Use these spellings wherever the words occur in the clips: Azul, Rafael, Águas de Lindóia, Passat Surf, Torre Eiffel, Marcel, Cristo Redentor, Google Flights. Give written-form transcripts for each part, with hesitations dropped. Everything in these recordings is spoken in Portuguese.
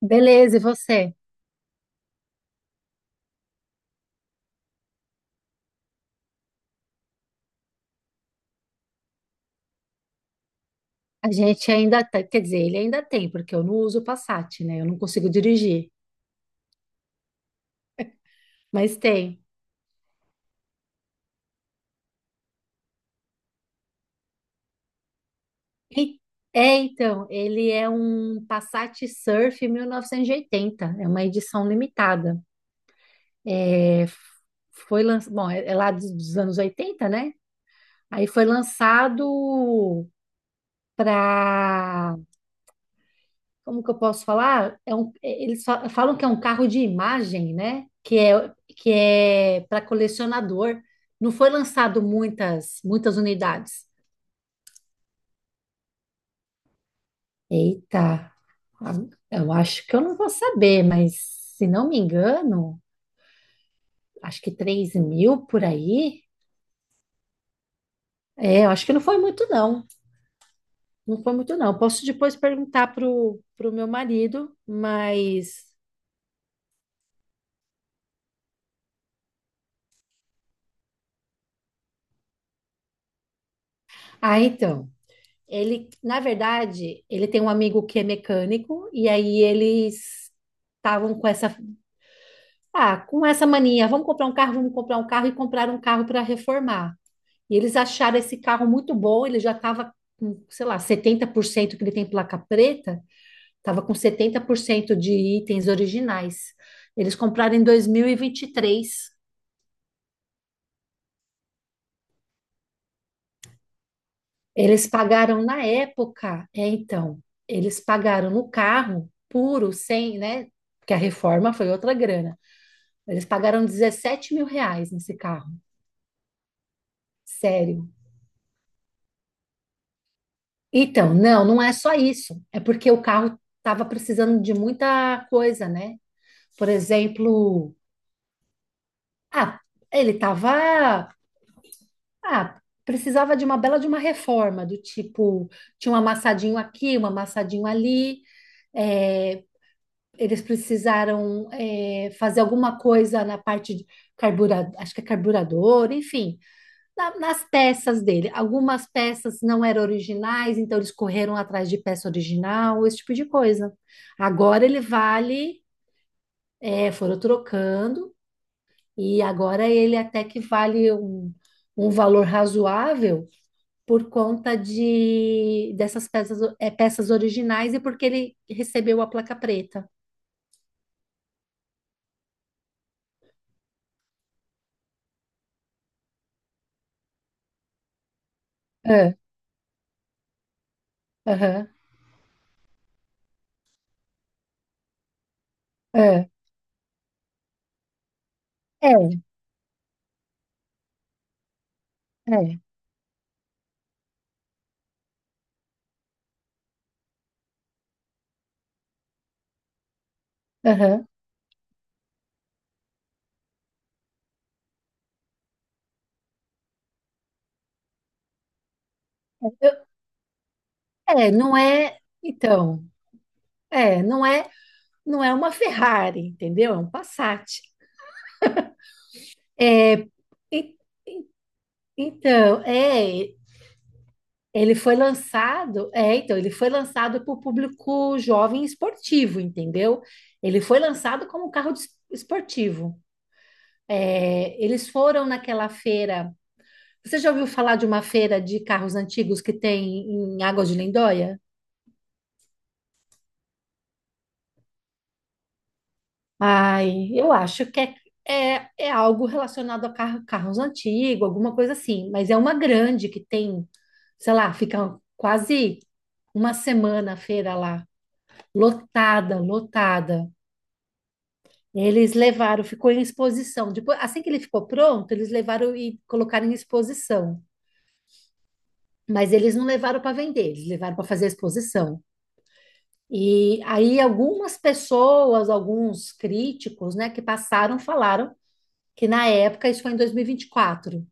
Beleza, e você? A gente ainda tem, quer dizer, ele ainda tem, porque eu não uso o Passat, né? Eu não consigo dirigir, mas tem. E- então, ele é um Passat Surf 1980, é uma edição limitada. É, foi lançado, bom, é lá dos anos 80, né? Aí foi lançado para, como que eu posso falar? Eles falam que é um carro de imagem, né? Que é para colecionador. Não foi lançado muitas unidades. Eita, a- eu acho que eu não vou saber, mas se não me engano, acho que 3.000 por aí. É, eu acho que não foi muito, não. Não foi muito, não. Posso depois perguntar pro meu marido, mas. Ah, então. Ele, na verdade, ele tem um amigo que é mecânico, e aí eles estavam com com essa mania, vamos comprar um carro, vamos comprar um carro, e compraram um carro para reformar. E eles acharam esse carro muito bom, ele já estava com, sei lá, 70%, que ele tem placa preta, estava com 70% de itens originais. Eles compraram em dois mil e vinte e três. Eles pagaram na época, é, então, eles pagaram no carro puro, sem, né? Porque a reforma foi outra grana. Eles pagaram 17 mil reais nesse carro, sério. Então, não, não é só isso. É porque o carro estava precisando de muita coisa, né? Por exemplo, ah, ele estava, ah, precisava de uma bela de uma reforma, do tipo, tinha um amassadinho aqui, um amassadinho ali, é, eles precisaram, é, fazer alguma coisa na parte de carburador, acho que é carburador, enfim, nas peças dele. Algumas peças não eram originais, então eles correram atrás de peça original, esse tipo de coisa. Agora ele vale, é, foram trocando, e agora ele até que vale um valor razoável por conta de dessas peças, é, peças originais e porque ele recebeu a placa preta. É, aham, é. É, é, aham. Eu- É, não é. Então, é, não é, não é uma Ferrari, entendeu? É um Passat. E- então, é, ele foi lançado, é, então, ele foi lançado para o público jovem esportivo, entendeu? Ele foi lançado como carro de esportivo. É, eles foram naquela feira. Você já ouviu falar de uma feira de carros antigos que tem em Águas de Lindóia? Ai, eu acho que é, é algo relacionado a carros antigos, alguma coisa assim, mas é uma grande que tem, sei lá, fica quase uma semana a feira lá, lotada, lotada. Eles levaram, ficou em exposição. Depois, assim que ele ficou pronto, eles levaram e colocaram em exposição. Mas eles não levaram para vender, eles levaram para fazer a exposição. E aí algumas pessoas, alguns críticos, né, que passaram, falaram que na época, isso foi em dois mil e vinte e quatro,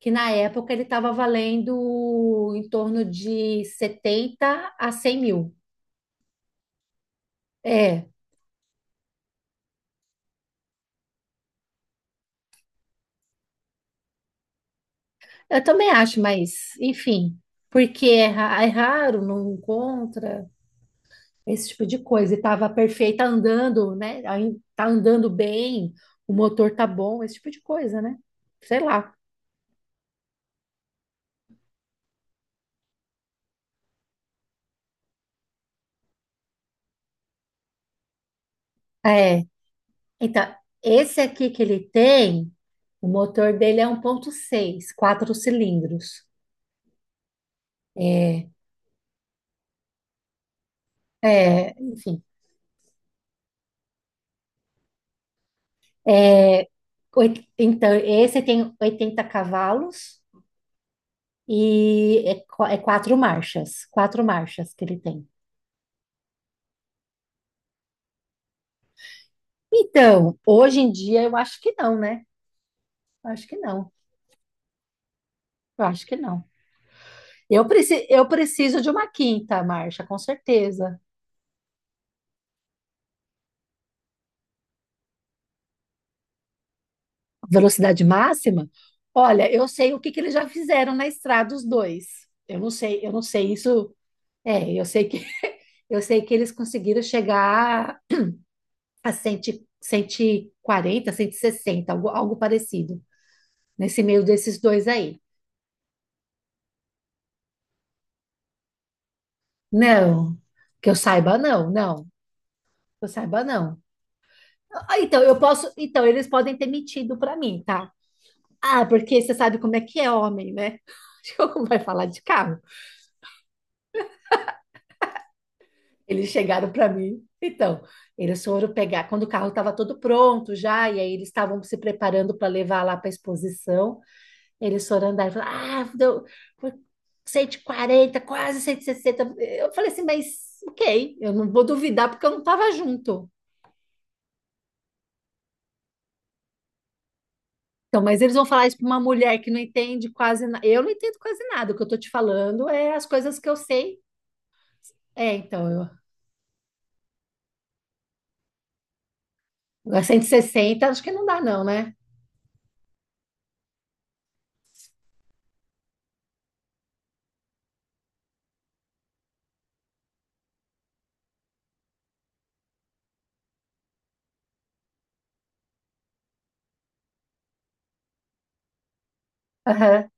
que na época ele estava valendo em torno de 70 a 100 mil. É, eu também acho, mas enfim, porque é, é raro, não encontra esse tipo de coisa. E estava perfeita andando, né? Aí tá andando bem, o motor tá bom, esse tipo de coisa, né? Sei lá. É, então, esse aqui que ele tem, o motor dele é um ponto seis quatro cilindros. É, enfim. É, então, esse tem 80 cavalos, e é, é quatro marchas que ele tem. Então, hoje em dia eu acho que não, né? Eu acho que não. Eu acho que não. Eu preciso de uma quinta marcha, com certeza. Velocidade máxima? Olha, eu sei o que que eles já fizeram na estrada os dois. Eu não sei isso. É, eu sei que eu sei que eles conseguiram chegar a 100, 140, 160, algo, algo parecido, nesse meio desses dois aí. Não, que eu saiba, não, não, que eu saiba, não. Ah, então, eu posso, então, eles podem ter mentido para mim, tá? Ah, porque você sabe como é que é homem, né? Como vai falar de carro? Eles chegaram para mim, então, eles foram pegar, quando o carro estava todo pronto já, e aí eles estavam se preparando para levar lá para a exposição. Eles foram andar e falaram, ah, deu 140, quase 160. Eu falei assim, mas ok, eu não vou duvidar porque eu não estava junto. Então, mas eles vão falar isso para uma mulher que não entende quase nada. Eu não entendo quase nada. O que eu tô te falando é as coisas que eu sei. É, então, eu, agora 160, acho que não dá, não, né? Aham.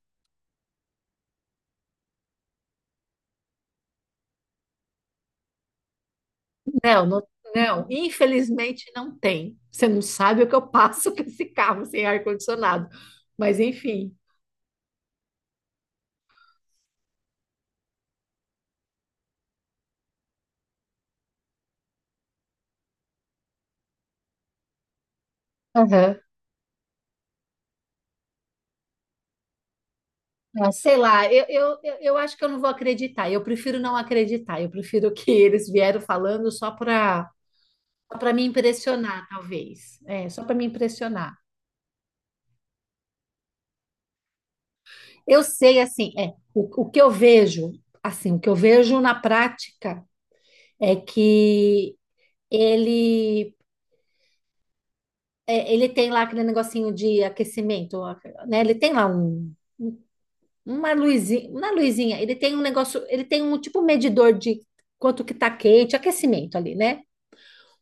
Não, não, não, infelizmente não tem. Você não sabe o que eu passo com esse carro sem ar-condicionado. Mas enfim. Aham. Ah, sei lá, eu acho que eu não vou acreditar. Eu prefiro não acreditar. Eu prefiro que eles vieram falando só para me impressionar, talvez. É, só para me impressionar. Eu sei, assim, o que eu vejo, assim, o que eu vejo na prática é que ele é, ele tem lá aquele negocinho de aquecimento, né? Ele tem lá um, uma luzinha, ele tem um negócio, ele tem um tipo um medidor de quanto que tá quente, aquecimento ali, né?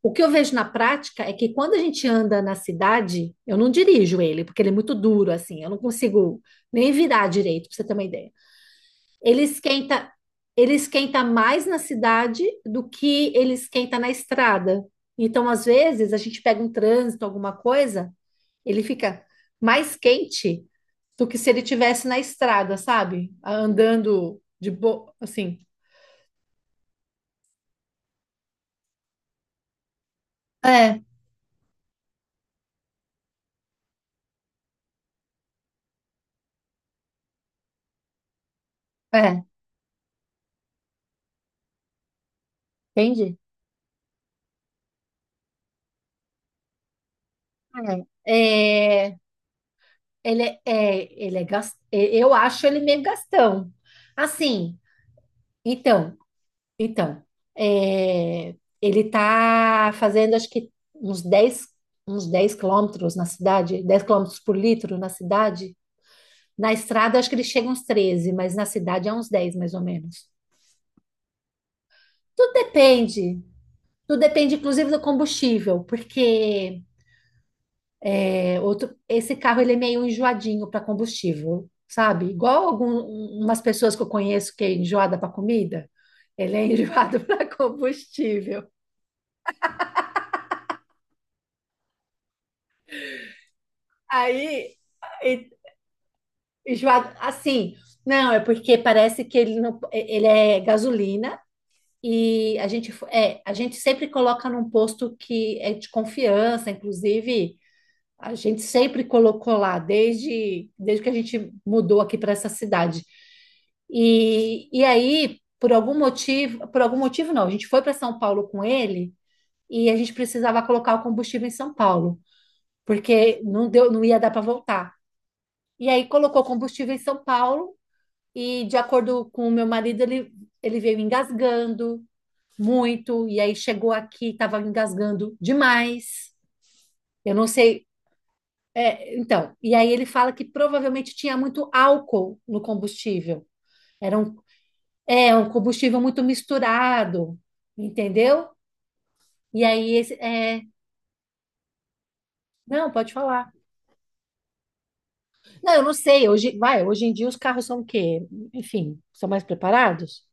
O que eu vejo na prática é que quando a gente anda na cidade, eu não dirijo ele, porque ele é muito duro, assim, eu não consigo nem virar direito, pra você ter uma ideia. Ele esquenta, ele esquenta mais na cidade do que ele esquenta na estrada. Então, às vezes, a gente pega um trânsito, alguma coisa, ele fica mais quente do que se ele tivesse na estrada, sabe? Andando de boa, assim. É, é, Entende? É. Ele é eu acho ele meio gastão. Assim, então, então, é, ele tá fazendo acho que uns 10 quilômetros na cidade, 10 quilômetros por litro na cidade. Na estrada acho que ele chega uns treze, mas na cidade é uns 10 mais ou menos. Tudo depende, tudo depende inclusive do combustível, porque é outro, esse carro ele é meio enjoadinho para combustível, sabe? Igual algumas pessoas que eu conheço que é enjoada para comida, ele é enjoado para combustível. Aí, e- enjoado assim, não, é porque parece que ele não, ele é gasolina, e a gente a gente sempre coloca num posto que é de confiança, inclusive a gente sempre colocou lá, desde que a gente mudou aqui para essa cidade. E aí, por algum motivo não, a gente foi para São Paulo com ele, e a gente precisava colocar o combustível em São Paulo, porque não deu, não ia dar para voltar. E aí colocou combustível em São Paulo, e, de acordo com o meu marido, ele veio engasgando muito, e aí chegou aqui, estava engasgando demais. Eu não sei, é, então, e aí ele fala que provavelmente tinha muito álcool no combustível. Era um, é, um combustível muito misturado, entendeu? E aí, esse, é, não, pode falar. Não, eu não sei. Hoje, vai, hoje em dia os carros são o quê? Enfim, são mais preparados?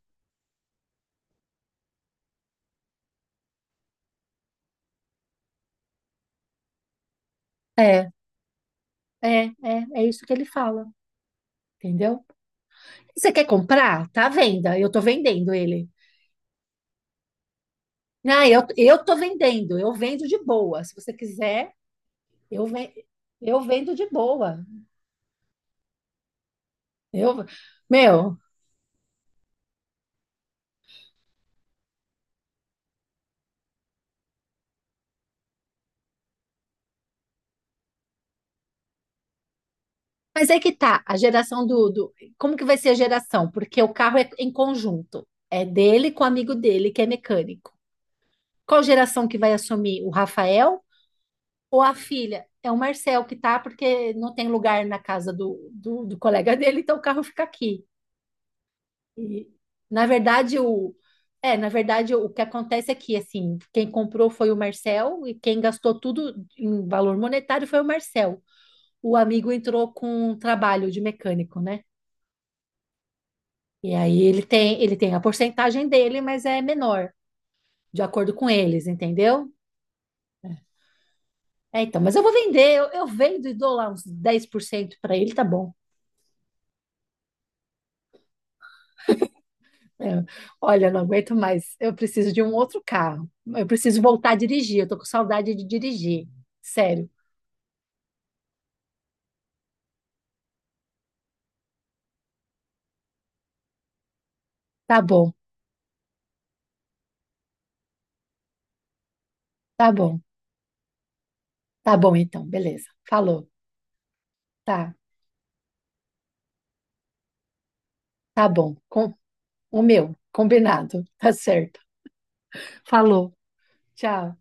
É, é isso que ele fala, entendeu? Você quer comprar? Tá à venda. Eu tô vendendo ele. Não, eu tô vendendo. Eu vendo de boa. Se você quiser, eu, ve- eu vendo de boa. Eu, meu, mas é que tá, a geração como que vai ser a geração? Porque o carro é em conjunto. É dele com o amigo dele, que é mecânico. Qual geração que vai assumir? O Rafael ou a filha? É o Marcel que tá, porque não tem lugar na casa do colega dele, então o carro fica aqui. E, na verdade, o. É, na verdade, o que acontece é que, assim, quem comprou foi o Marcel e quem gastou tudo em valor monetário foi o Marcel. O amigo entrou com um trabalho de mecânico, né? E aí ele tem a porcentagem dele, mas é menor, de acordo com eles, entendeu? É, então, mas eu vou vender, eu vendo e dou lá uns 10% para ele, tá bom. É, olha, eu não aguento mais, eu preciso de um outro carro. Eu preciso voltar a dirigir, eu tô com saudade de dirigir. Sério. Tá bom, tá bom, tá bom então, beleza. Falou, tá, tá bom. Com, o meu, combinado, tá certo. Falou, tchau.